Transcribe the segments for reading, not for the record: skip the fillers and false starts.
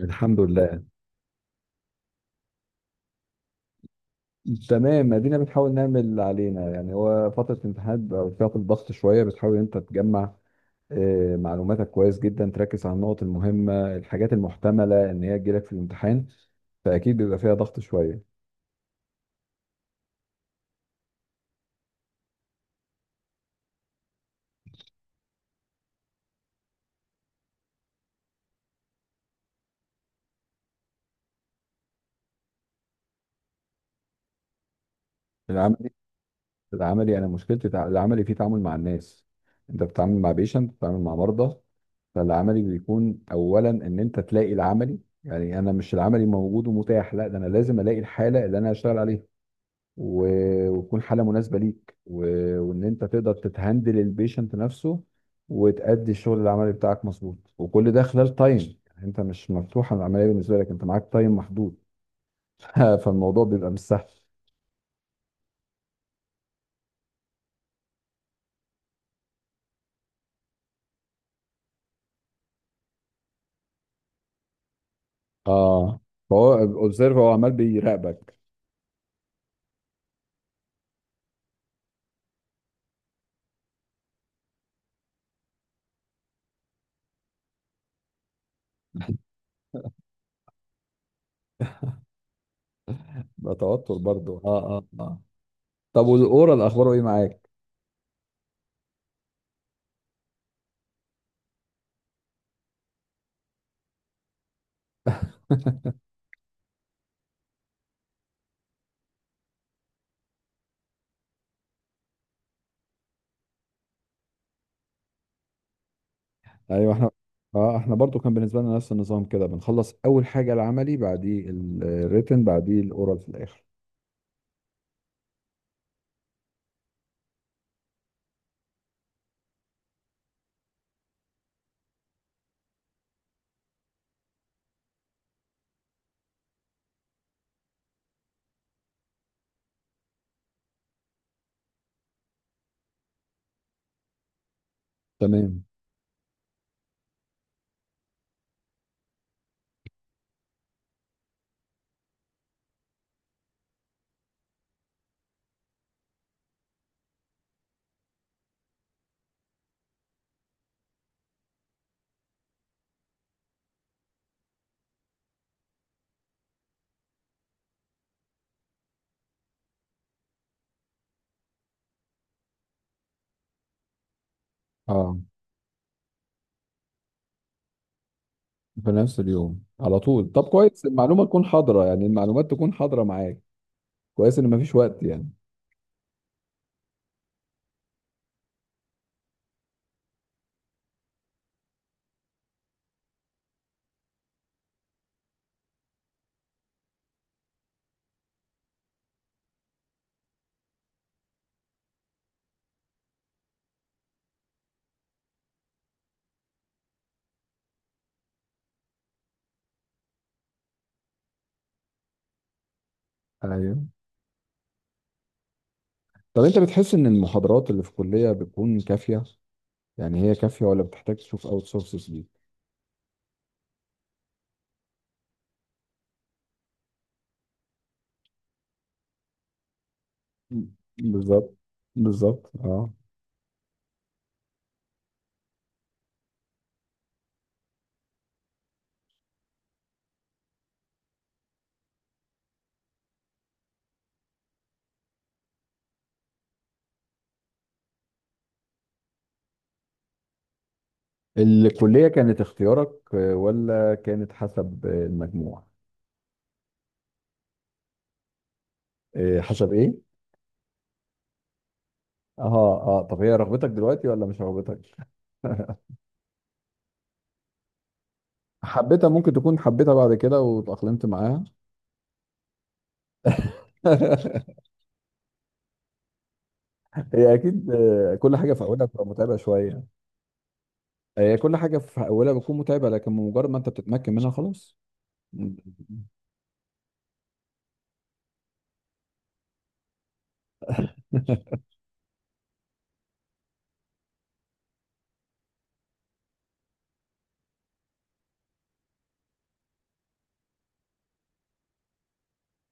الحمد لله. تمام، ادينا بنحاول نعمل اللي علينا، يعني هو فتره امتحانات بقى، فتره ضغط شويه. بتحاول انت تجمع آه، معلوماتك كويس جدا، تركز على النقط المهمه، الحاجات المحتمله ان هي تجيلك في الامتحان، فاكيد بيبقى فيها ضغط شويه. العملي. العملي انا مشكلتي العملي فيه تعامل مع الناس. انت بتتعامل مع بيشنت، بتتعامل مع مرضى. فالعملي بيكون اولا ان انت تلاقي العملي، يعني انا مش العملي موجود ومتاح، لا، ده انا لازم الاقي الحاله اللي انا هشتغل عليها، و- وتكون حاله مناسبه ليك، و- وان انت تقدر تتهندل البيشنت نفسه، وتأدي الشغل العملي بتاعك مظبوط، وكل ده خلال تايم. يعني انت مش مفتوحه العمليه بالنسبه لك، انت معاك تايم محدود. فالموضوع بيبقى مش سهل. اه، فهو اوبزرف، هو عمال بيراقبك. ده توتر برضه، اه اه اه. طب والاورال اخباره ايه معاك؟ ايوه احنا، اه احنا برضو كان بالنسبه لنا نفس النظام كده، بنخلص اول حاجه العملي، بعديه الريتن، بعديه الاورال في الاخر. تمام. اه، في نفس اليوم على طول. طب كويس، المعلومة تكون حاضرة، يعني المعلومات تكون حاضرة معاك. كويس ان مفيش وقت يعني. ايوه. طب انت بتحس ان المحاضرات اللي في الكلية بتكون كافية، يعني هي كافية ولا بتحتاج تشوف اوت سورسز ليك؟ م- بالظبط، بالظبط اه. الكلية كانت اختيارك آه، ولا كانت حسب آه، المجموع؟ آه، حسب ايه؟ اه اه، طب هي رغبتك دلوقتي ولا مش رغبتك؟ حبيتها؟ ممكن تكون حبيتها بعد كده واتأقلمت معاها. هي اكيد آه، كل حاجه في اولها بتبقى متعبه شويه. هي كل حاجه في اولها بتكون متعبه، لكن بمجرد ما انت بتتمكن منها خلاص. اه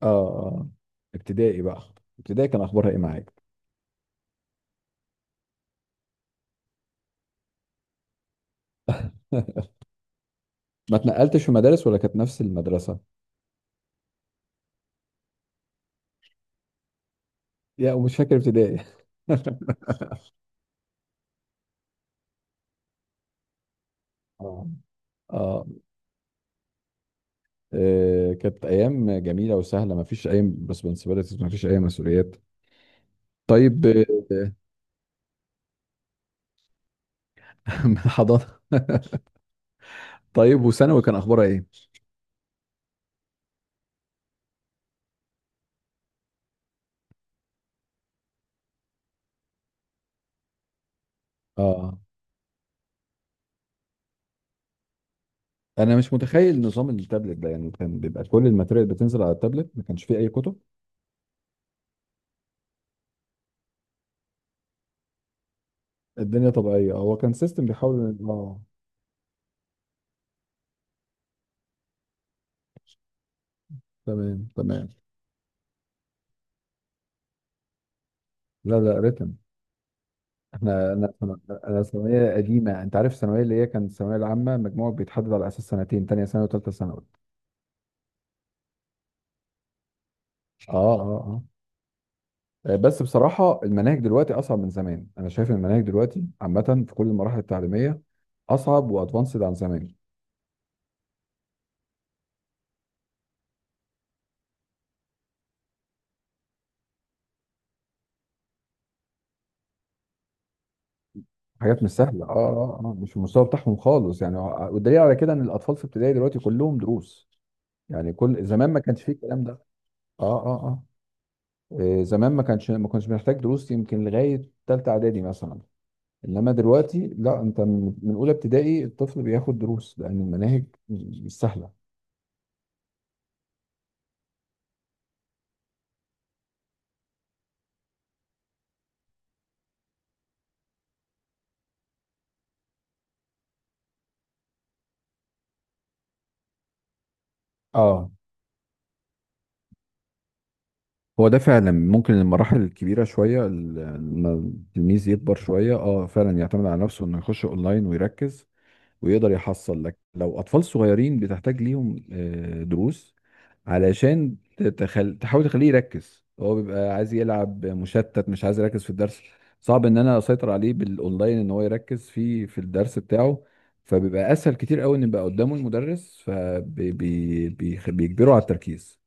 آه. ابتدائي بقى. ابتدائي كان اخبارها ايه معاك؟ ما اتنقلتش في مدارس، ولا كانت نفس المدرسه؟ يا ومش فاكر ابتدائي؟ اه اه، آه، كانت ايام جميله وسهله، ما فيش اي ريسبونسبيلتيز، ما فيش اي مسؤوليات. طيب آه، حضانه طيب وثانوي كان اخبارها ايه؟ اه، انا مش متخيل نظام التابلت ده، يعني كان بيبقى كل الماتيريال بتنزل على التابلت، ما كانش فيه اي كتب؟ الدنيا طبيعيه، هو كان سيستم بيحاول، اه. تمام تمام. لا لا، ريتم. احنا انا انا ثانويه قديمه، انت عارف الثانويه اللي هي كانت الثانويه العامه، مجموعه بيتحدد على اساس سنتين، تانية ثانوي وثالثه ثانوي. اه اه اه، آه، بس بصراحه المناهج دلوقتي اصعب من زمان، انا شايف إن المناهج دلوقتي عامه في كل المراحل التعليميه، اصعب وادفانسد عن زمان. حاجات مش سهله، اه اه اه، مش المستوى بتاعهم خالص يعني، والدليل على كده ان الاطفال في ابتدائي دلوقتي كلهم دروس. يعني كل زمان ما كانش فيه الكلام ده. اه اه اه، إيه، زمان ما كانش، ما كنتش محتاج دروس يمكن لغايه ثالثه اعدادي مثلا. انما دلوقتي لا، انت من اولى ابتدائي الطفل بياخد دروس، لان المناهج مش سهله. اه، هو ده فعلا. ممكن المراحل الكبيرة شوية، لما التلميذ يكبر شوية اه فعلا يعتمد على نفسه انه يخش اونلاين ويركز ويقدر يحصل. لك لو اطفال صغيرين بتحتاج ليهم آه، دروس علشان تحاول تخليه يركز. هو بيبقى عايز يلعب، مشتت، مش عايز يركز في الدرس. صعب ان انا اسيطر عليه بالاونلاين ان هو يركز في الدرس بتاعه، فبيبقى اسهل كتير قوي ان يبقى قدامه المدرس فبيجبره على التركيز.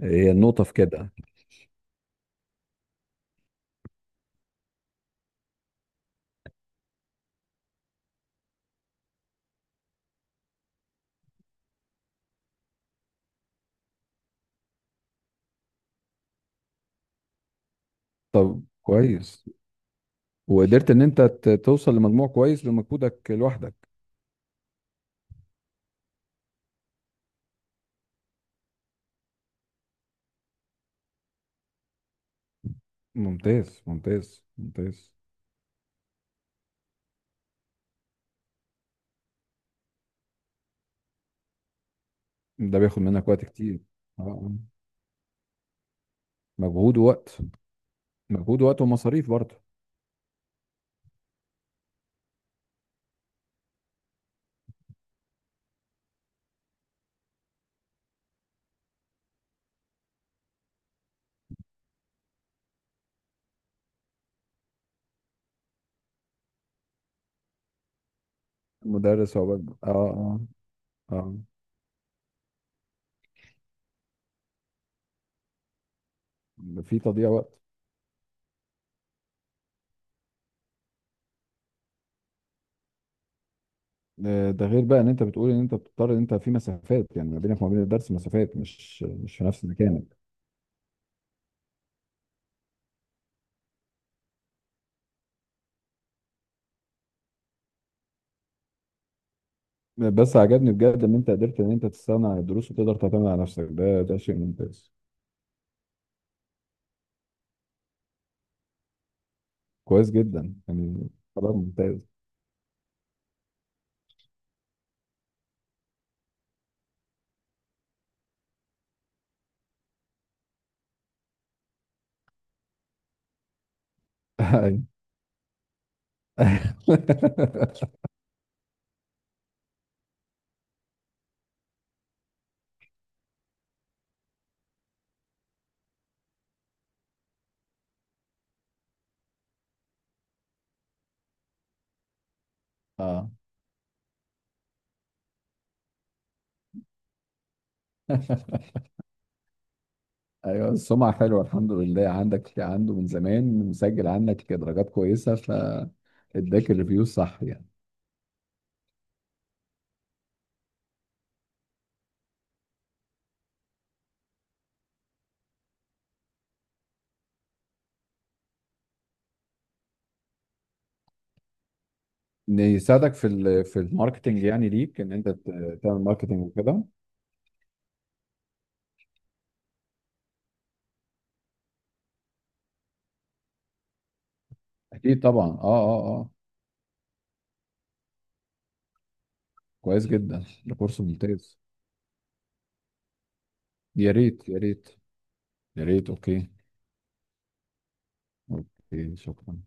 هي النقطة في كده. طب كويس، وقدرت ان انت توصل لمجموع كويس بمجهودك لوحدك. ممتاز ممتاز ممتاز. ده بياخد منك وقت كتير. اه آه. مجهود ووقت. مجهود ووقت ومصاريف برضه. مدرس هو برضه، اه اه اه. في تضييع وقت. آه، ده غير بقى ان انت بتقول ان انت بتضطر ان انت في مسافات، يعني ما بينك وما بين الدرس مسافات، مش في نفس مكانك. بس عجبني بجد ان انت قدرت ان انت تستغنى عن الدروس وتقدر تعتمد على نفسك، ده شيء ممتاز. كويس جدا يعني. قرار ممتاز. أيوة. اه. ايوه، السمعه حلوه الحمد لله، عندك عنده من زمان مسجل عنك درجات كويسه، فاداك الريفيو صح يعني. إن يساعدك في الماركتنج، يعني ليك ان انت تعمل ماركتنج وكده. اكيد طبعا اه اه اه. كويس جدا ده كورس ممتاز. يا ريت يا ريت يا ريت. اوكي. اوكي شكرا.